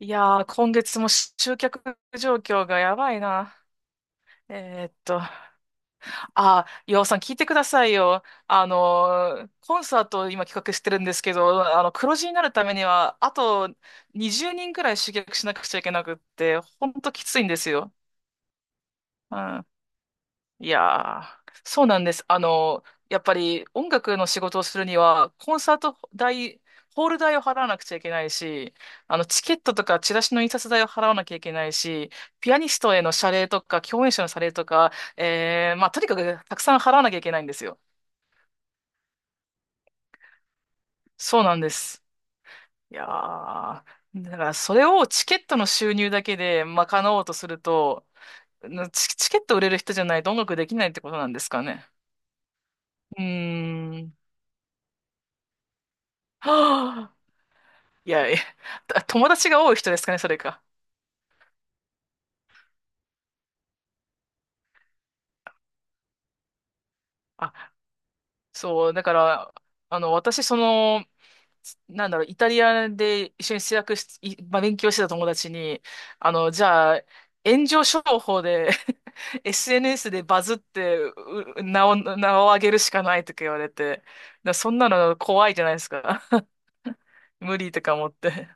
いやー、今月も集客状況がやばいな。えーっと、あ岩尾さん聞いてくださいよ。コンサートを今企画してるんですけど、黒字になるためには、あと20人くらい集客しなくちゃいけなくって、ほんときついんですよ。うん。いやー、そうなんです。やっぱり音楽の仕事をするには、コンサート代、ホール代を払わなくちゃいけないし、チケットとかチラシの印刷代を払わなきゃいけないし、ピアニストへの謝礼とか、共演者の謝礼とか、まあ、とにかくたくさん払わなきゃいけないんですよ。そうなんです。いやー、だからそれをチケットの収入だけで賄おうとすると、チケット売れる人じゃないと音楽できないってことなんですかね。うーん。は、いや、え、友達が多い人ですかね、それか。あ、そう、だから、私、イタリアで一緒に制作し、いまあ、勉強してた友達に、じゃあ、炎上商法で SNS でバズってう名を、名を上げるしかないとか言われて、だからそんなの怖いじゃないですか。無理とか思って。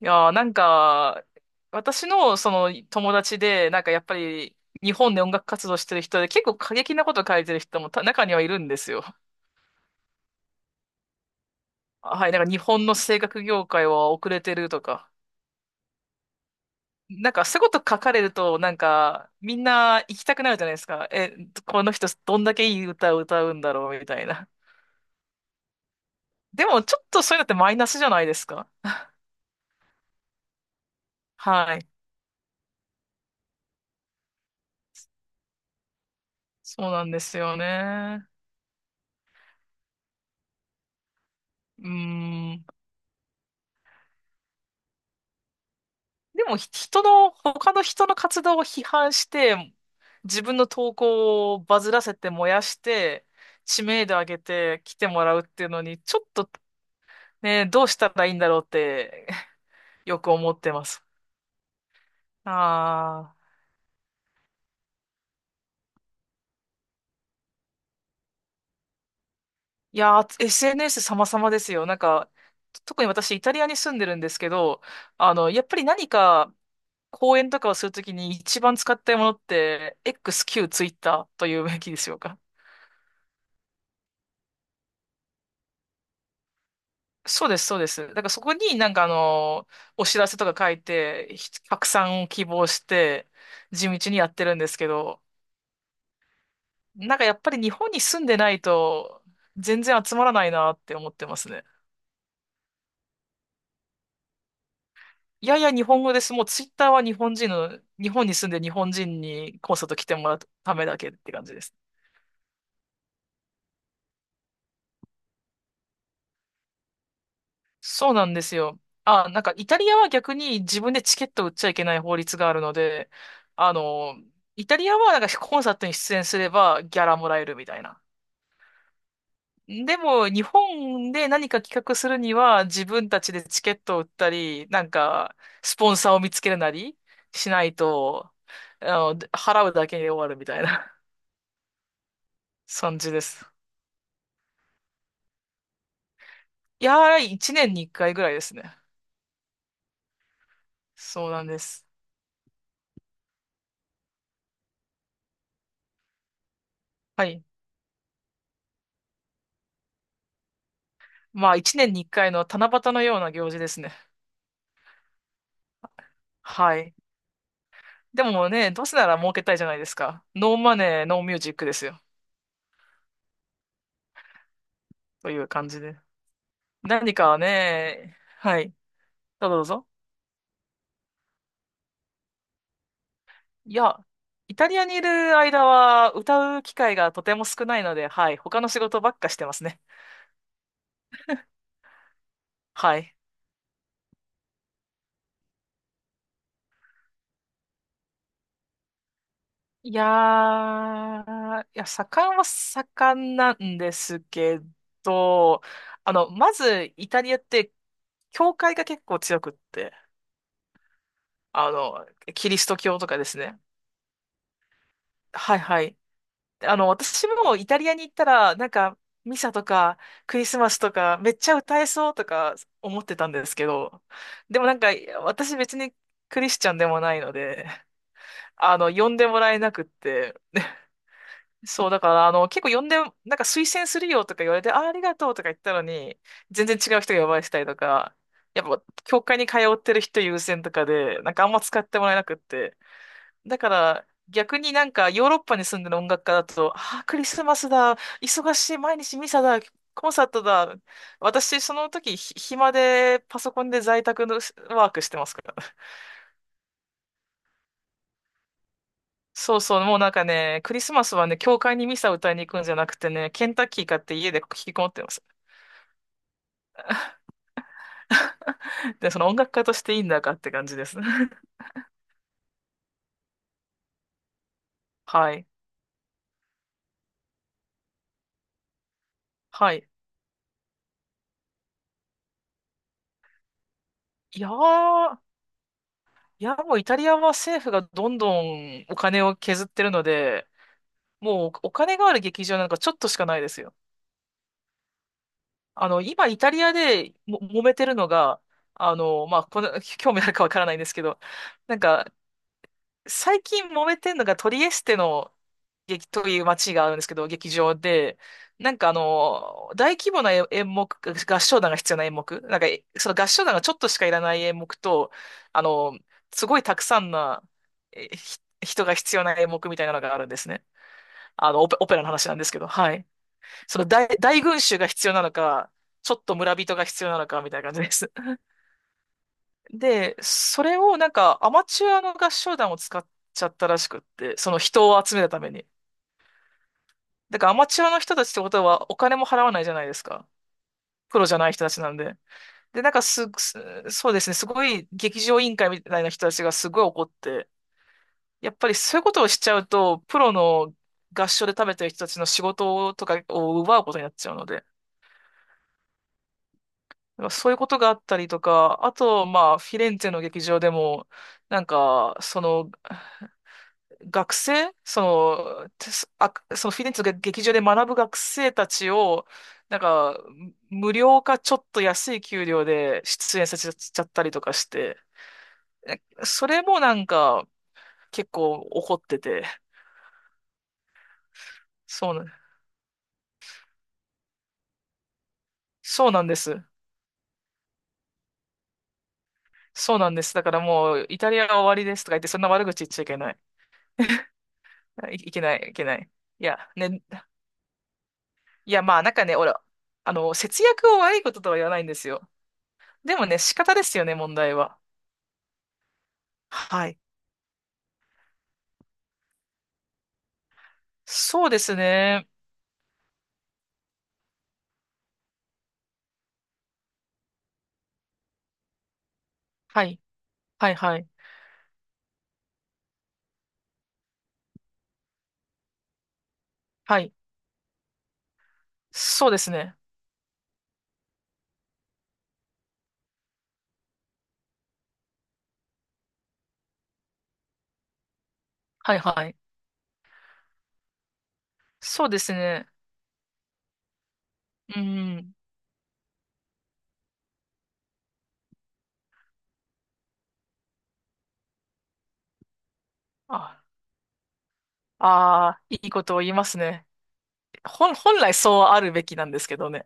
いやー、なんか、私のその友達で、なんかやっぱり日本で音楽活動してる人で結構過激なこと書いてる人も中にはいるんですよ。あ、はい、なんか日本の声楽業界は遅れてるとか。なんかそういうこと書かれると、なんかみんな行きたくなるじゃないですか。え、この人どんだけいい歌を歌うんだろうみたいな。でもちょっとそういうのってマイナスじゃないですか。はい。そうなんですよね。うーん。でも人の、他の人の活動を批判して、自分の投稿をバズらせて燃やして、知名度上げて来てもらうっていうのに、ちょっとね、どうしたらいいんだろうって よく思ってます。ああ。いやー、SNS 様々ですよ。なんか、特に私イタリアに住んでるんですけど、やっぱり何か講演とかをするときに一番使ったものって XQ、エックスキュー Twitter というべきでしょうか。そうです、そうです。だからそこになんかお知らせとか書いて、拡散を希望して、地道にやってるんですけど、なんかやっぱり日本に住んでないと、全然集まらないなって思ってますね。いやいや日本語です。もうツイッターは日本人の、日本に住んで日本人にコンサート来てもらうためだけって感じです。そうなんですよ。あ、なんかイタリアは逆に自分でチケット売っちゃいけない法律があるので、あの、イタリアはなんかコンサートに出演すればギャラもらえるみたいな。でも、日本で何か企画するには、自分たちでチケットを売ったり、なんか、スポンサーを見つけるなりしないと、払うだけで終わるみたいな 感じです。いやー、1年に1回ぐらいですね。そうなんです。はい。まあ、1年に1回の七夕のような行事ですね。はい。でもね、どうせなら儲けたいじゃないですか。ノーマネー、ノーミュージックですよ。という感じで。何かね、はい。どうぞどうぞ。いや、イタリアにいる間は歌う機会がとても少ないので、はい、他の仕事ばっかしてますね。はい。いやー、いや、盛んは盛んなんですけど、まずイタリアって、教会が結構強くって、あの、キリスト教とかですね。はいはい。私もイタリアに行ったら、なんか、ミサとか、クリスマスとか、めっちゃ歌えそうとか思ってたんですけど、でもなんか、私別にクリスチャンでもないので、呼んでもらえなくって、そう、だから、結構呼んで、なんか推薦するよとか言われて、あ、ありがとうとか言ったのに、全然違う人が呼ばれてたりとか、やっぱ、教会に通ってる人優先とかで、なんかあんま使ってもらえなくって、だから、逆になんかヨーロッパに住んでる音楽家だと、ああ、クリスマスだ、忙しい、毎日ミサだ、コンサートだ。私、その時、暇でパソコンで在宅のワークしてますから。そうそう、もうなんかね、クリスマスはね、教会にミサ歌いに行くんじゃなくてね、ケンタッキー買って家で引きこもってます。で、その音楽家としていいんだかって感じです。はい。はい。いやー、いや、もうイタリアは政府がどんどんお金を削ってるので、もうお金がある劇場なんかちょっとしかないですよ。今イタリアでも揉めてるのが、まあ、この、興味あるかわからないんですけど、なんか、最近揉めてるのがトリエステの劇という街があるんですけど、劇場で、なんか大規模な演目、合唱団が必要な演目、なんか、その合唱団がちょっとしかいらない演目と、あの、すごいたくさんな人が必要な演目みたいなのがあるんですね。オペラの話なんですけど、はい。大群衆が必要なのか、ちょっと村人が必要なのか、みたいな感じです。で、それをなんかアマチュアの合唱団を使っちゃったらしくって、その人を集めるために。だからアマチュアの人たちってことはお金も払わないじゃないですか。プロじゃない人たちなんで。で、なんかす、すそうですね、すごい劇場委員会みたいな人たちがすごい怒って、やっぱりそういうことをしちゃうと、プロの合唱で食べてる人たちの仕事とかを奪うことになっちゃうので、なんかそういうことがあったりとか、あと、まあ、フィレンツェの劇場でも、なんか、その、学生、その、てすあ、そのフィレンツェの劇場で学ぶ学生たちを、なんか、無料かちょっと安い給料で出演させちゃったりとかして、それもなんか、結構怒ってて、そうな、そうなんです。そうなんです。だからもう、イタリアは終わりですとか言って、そんな悪口言っちゃいけない。いけない。いや、ね、いや、まあ、なんかね、俺、節約を悪いこととは言わないんですよ。でもね、仕方ですよね、問題は。はい。そうですね。はい。はい、はい。はい。そうですね。はい、はい。そうですね。うん。あ、あー、いいことを言いますね。本来そうあるべきなんですけどね。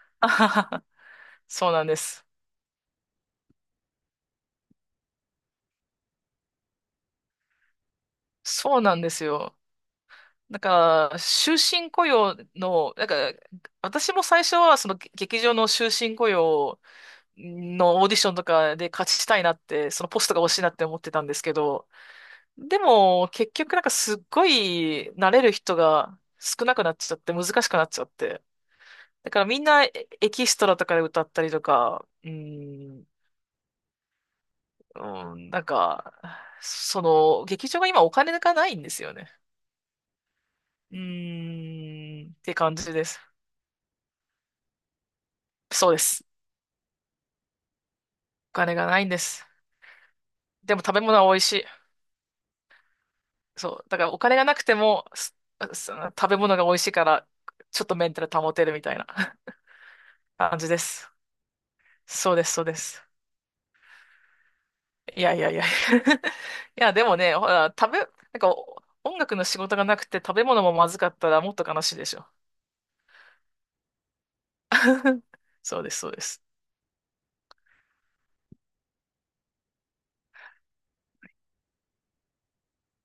あはははそうなんです。そうなんですよ。だから、終身雇用の、なんか、私も最初はその劇場の終身雇用のオーディションとかで勝ちたいなって、そのポストが欲しいなって思ってたんですけど、でも結局なんかすっごい慣れる人が少なくなっちゃって難しくなっちゃって。だからみんなエキストラとかで歌ったりとか、うん、うん、なんか、その劇場が今お金がないんですよね。うーん、って感じです。そうです。お金がないんです。でも食べ物は美味しい。そう。だからお金がなくても、す食べ物が美味しいから、ちょっとメンタル保てるみたいな 感じです。そうです、そうです。いやいやいや いや、でもね、ほら、なんか音楽の仕事がなくて食べ物もまずかったらもっと悲しいでしょ。そうです、そうです。